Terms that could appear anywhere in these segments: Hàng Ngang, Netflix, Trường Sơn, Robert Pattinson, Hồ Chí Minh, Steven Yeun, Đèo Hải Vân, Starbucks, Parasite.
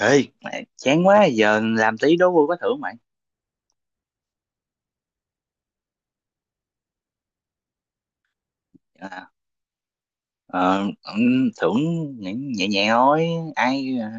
Ê, mẹ, chán quá giờ làm tí đố vui có thưởng mày. à, ờ, Thưởng nhẹ nhẹ nhẹ thôi. ai à,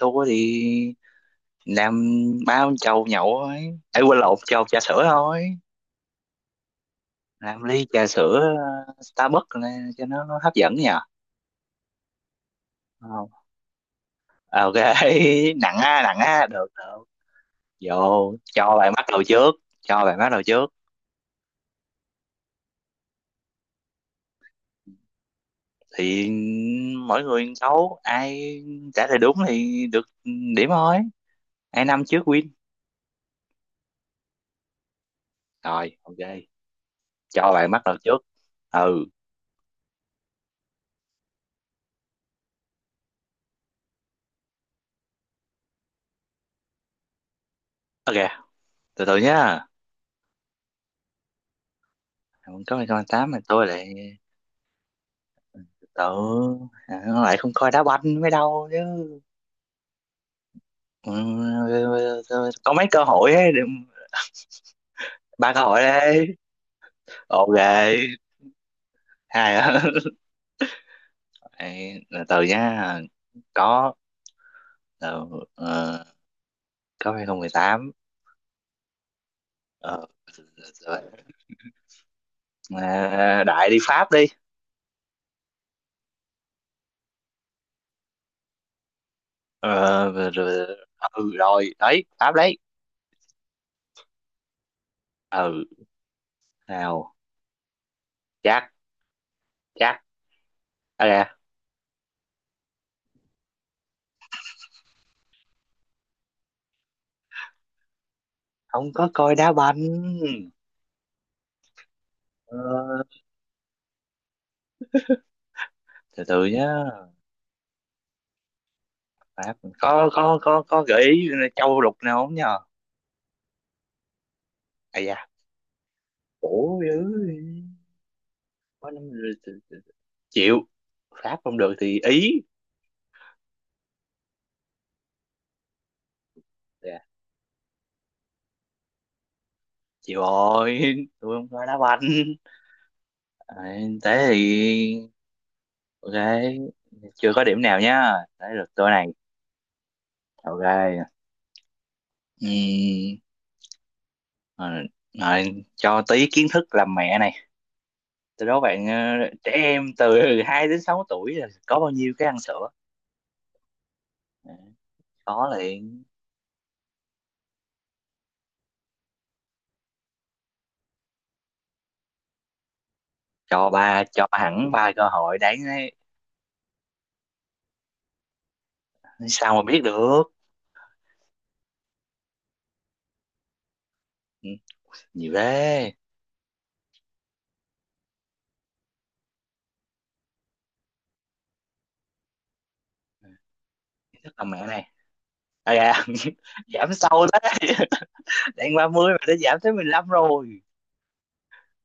Thua thì làm bao chầu nhậu thôi, ai quên lộn chầu trà sữa thôi. Làm ly trà sữa Starbucks này, cho nó hấp dẫn nhờ. Không. Ok. Nặng á, nặng á, được được. Vô, cho bạn bắt đầu trước, cho bạn bắt đầu trước thì mỗi người một câu, ai trả lời đúng thì được điểm thôi, ai năm trước win. Rồi, ok. Cho bạn bắt đầu trước. Ừ, ok. Từ từ nhá. Không có mày con tám mà tôi lại từ từ. À, nó lại không coi đá banh mới đâu chứ. Ừ, ừ, có mấy cơ hội ấy, đừng- ba cơ hội đấy. Ok, hai á. Ê, từ từ nhá. Có ờ, ờ, có 2018. Ờ, rồi. À, đại đi Pháp đi. Ờ, rồi, rồi, ừ, rồi, đấy, Pháp đấy. Ừ, nào. Chắc. Chắc. À dạ, không có coi đá banh. Ờ, từ từ nhá. Phải- có gợi ý châu lục nào không nhờ. À dạ, khổ dữ. Có năm rồi, chịu. Pháp không được thì ý. Dạ, chịu rồi. Tôi không coi đá banh. À, thế thì ok. Chưa có điểm nào nhá, thế lượt tôi này. Ok. Ừm, Rồi, rồi, cho tí kiến thức làm mẹ này. Từ đó bạn trẻ em từ 2 đến 6 tuổi là có bao nhiêu cái ăn sữa? Ừ, có liền. Cho ba, cho hẳn ba cơ hội đáng đấy. Sao mà biết được. Ừ, nhiều thế. Tức là mẹ này. À, dạ. Giảm sâu đấy. Đang 30 mà đã giảm tới 15 rồi,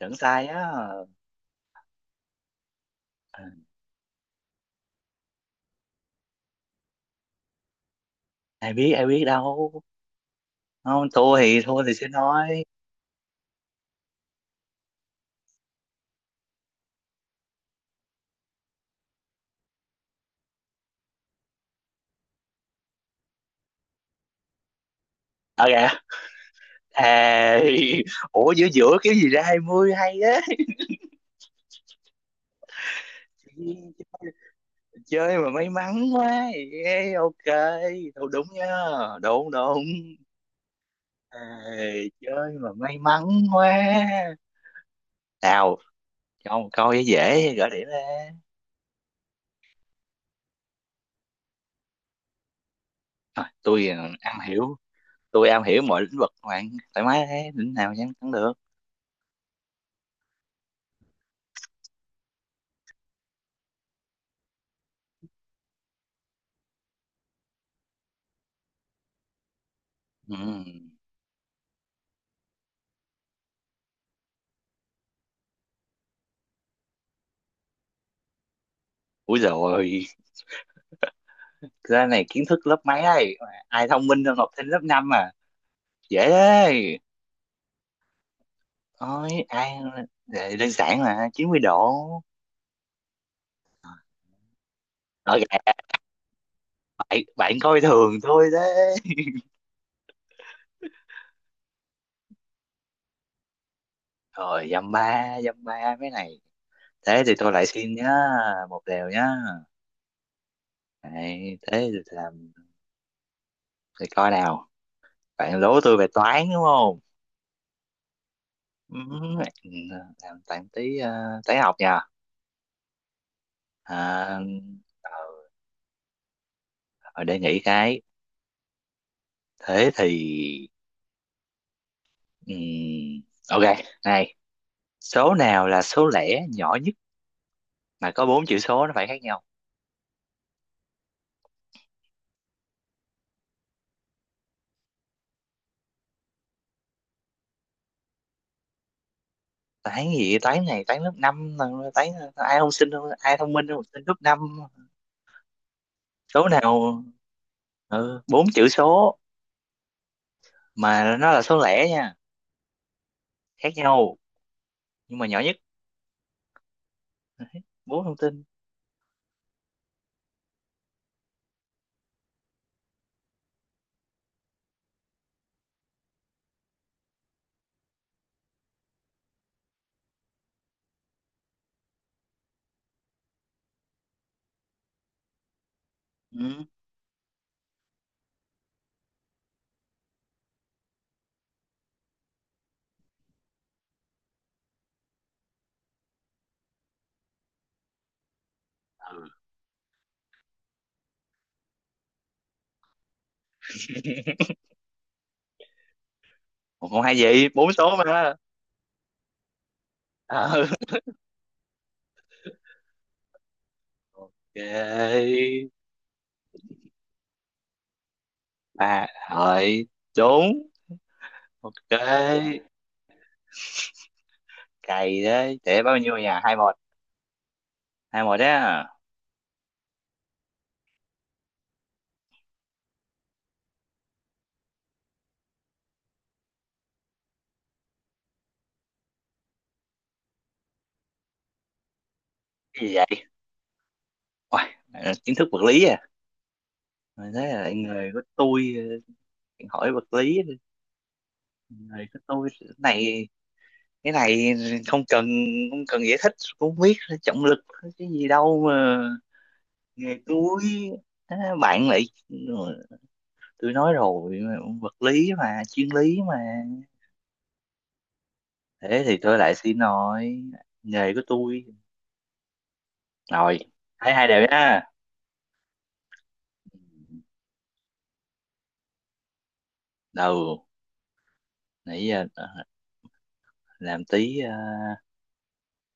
sẵn sai á. Ừ, ai biết, ai biết đâu, không thua thì, thua thì sẽ nói. À dạ, à, ủa giữa giữa cái gì ra 20 hay á? Chơi mà may mắn quá. Yeah, ok, thôi đúng nhá, đúng đúng. Ê, chơi mà may mắn quá. Nào, cho một câu dễ dễ gỡ điểm ra. Rồi, tôi am hiểu, tôi am hiểu mọi lĩnh vực, bạn thoải mái, thế lĩnh nào chẳng thắng được. Ừ. Ui rồi, cái này kiến thức lớp mấy đây? Ai thông minh hơn học sinh lớp 5 à? Dễ đấy. Thôi ai đơn giản mà, 90 độ. Rồi, bạn bạn coi thường thôi đấy. Rồi, dăm ba, dăm ba mấy này, thế thì tôi lại xin nhá. Một đều nhá. Đấy, thế thì làm, thì coi nào. Bạn đố tôi về toán đúng không? Ừ, làm toán tí, toán học nha. À, ờ, rồi để nghĩ cái, thế thì ừm, ok này, số nào là số lẻ nhỏ nhất mà có bốn chữ số nó phải khác nhau? Toán gì vậy? Toán này toán lớp năm. Toán ai không sinh, ai thông minh không sinh lớp năm. Số nào, ừ, bốn chữ số mà nó là số lẻ nha, khác nhau nhưng mà nhỏ nhất. Đấy, bốn thông tin. Ừ. Ừ. Một con hai gì, bốn số mà. Ừ. Ok, ba, rồi đúng ok. Cày đấy để bao nhiêu nhà, hai một, hai một đó. Cái gì vậy? Uầy, bạn là kiến thức vật lý à? Mình thấy là người của tôi, hỏi vật lý, người của tôi cái này, cái này không cần, không cần giải thích cũng không biết, trọng lực cái gì đâu mà, nghề tôi. Á, bạn lại, tôi nói rồi, vật lý mà, chuyên lý mà. Thế thì tôi lại xin, nói nghề của tôi. Rồi, hai hai đều nha. Đầu nãy giờ, làm tí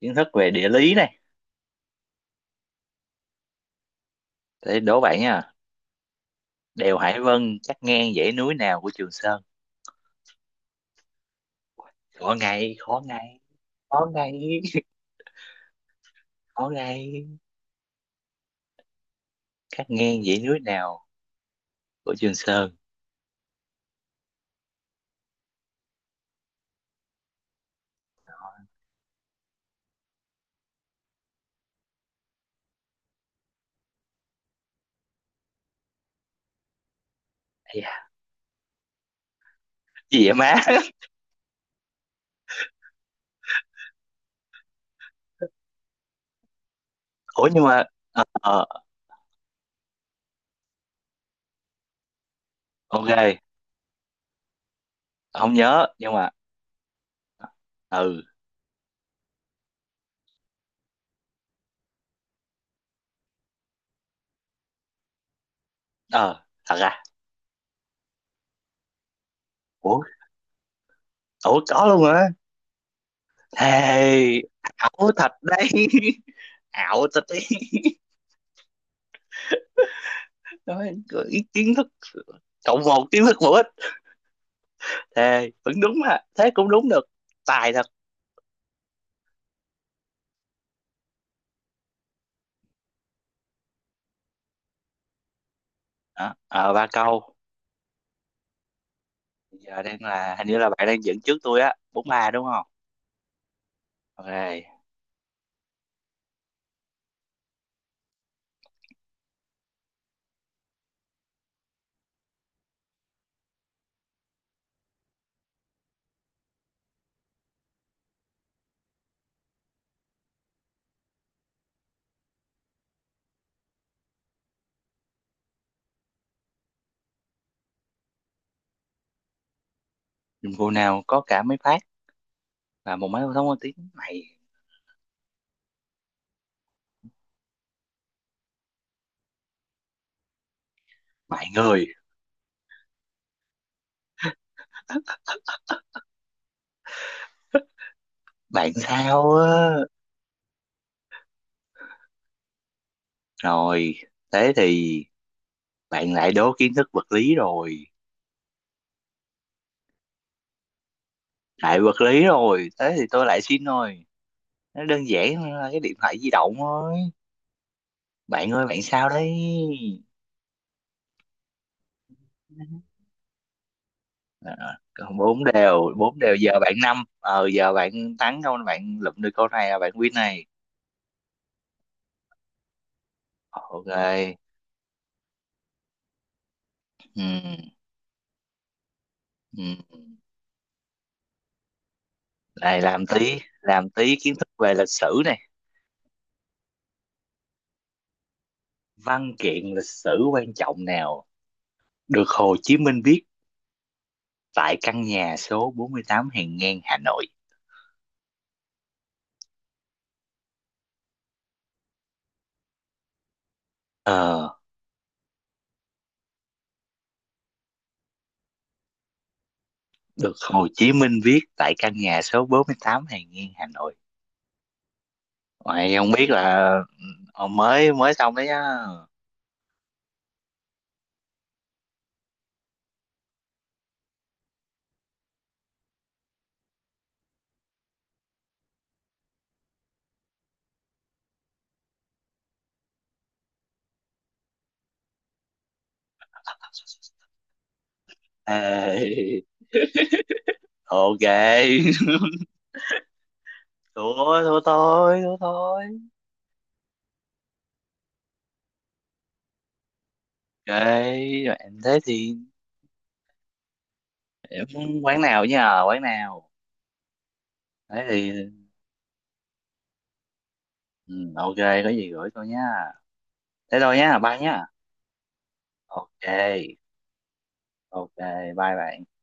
kiến thức về địa lý này, để đố bạn nha. Đèo Hải Vân cắt ngang dãy núi nào của Trường Sơn? Khó ngay, khó ngay, khó ngay, khó ngay. Cắt ngang dãy núi nào của Trường Sơn? Ây da, cái gì vậy má? Ủa nhưng mà, ờ, ok, không nhớ nhưng mà, ừ, ờ thật à? Ủa, ủa có luôn hả? Thề, ảo thật đấy. Ảo thật đấy. Nói ý kiến thức, cộng một kiến thức bổ ích, thề vẫn đúng mà, thế cũng đúng được, tài thật. Đó, ờ ba câu. Bây giờ đang là hình như là bạn đang dẫn trước tôi á, bốn ba đúng không? Ok. Dùng cô nào có cả mấy phát và một máy thông tin mày, mày người, bạn sao á? Rồi, thế thì bạn lại đố kiến thức vật lý rồi, lại vật lý rồi, thế thì tôi lại xin rồi, nó đơn giản hơn là cái điện thoại di động thôi. Bạn ơi bạn sao đấy? à, còn bốn đều, bốn đều, giờ bạn năm, ờ giờ bạn thắng không, bạn lụm được câu này là bạn win này. Ok. Ừ. Ừ. Này làm tí, làm tí kiến thức về lịch sử này. Văn kiện lịch sử quan trọng nào được Hồ Chí Minh viết tại căn nhà số 48 Hàng Ngang, Hà Nội? Ờ, được Hồ Chí Minh viết tại căn nhà số 48 Hàng Nghiên, Hà Nội. Mày không biết là ờ, mới mới xong đấy nhá. Ê, ok. Thua, thua thôi, thua thôi. Ok, rồi em thế thì, em muốn quán nào nhá, quán nào. Thế thì ừ, ok, có gì gửi tôi nhá. Thế thôi nhá, bye nhá. Ok, ok, bye bye.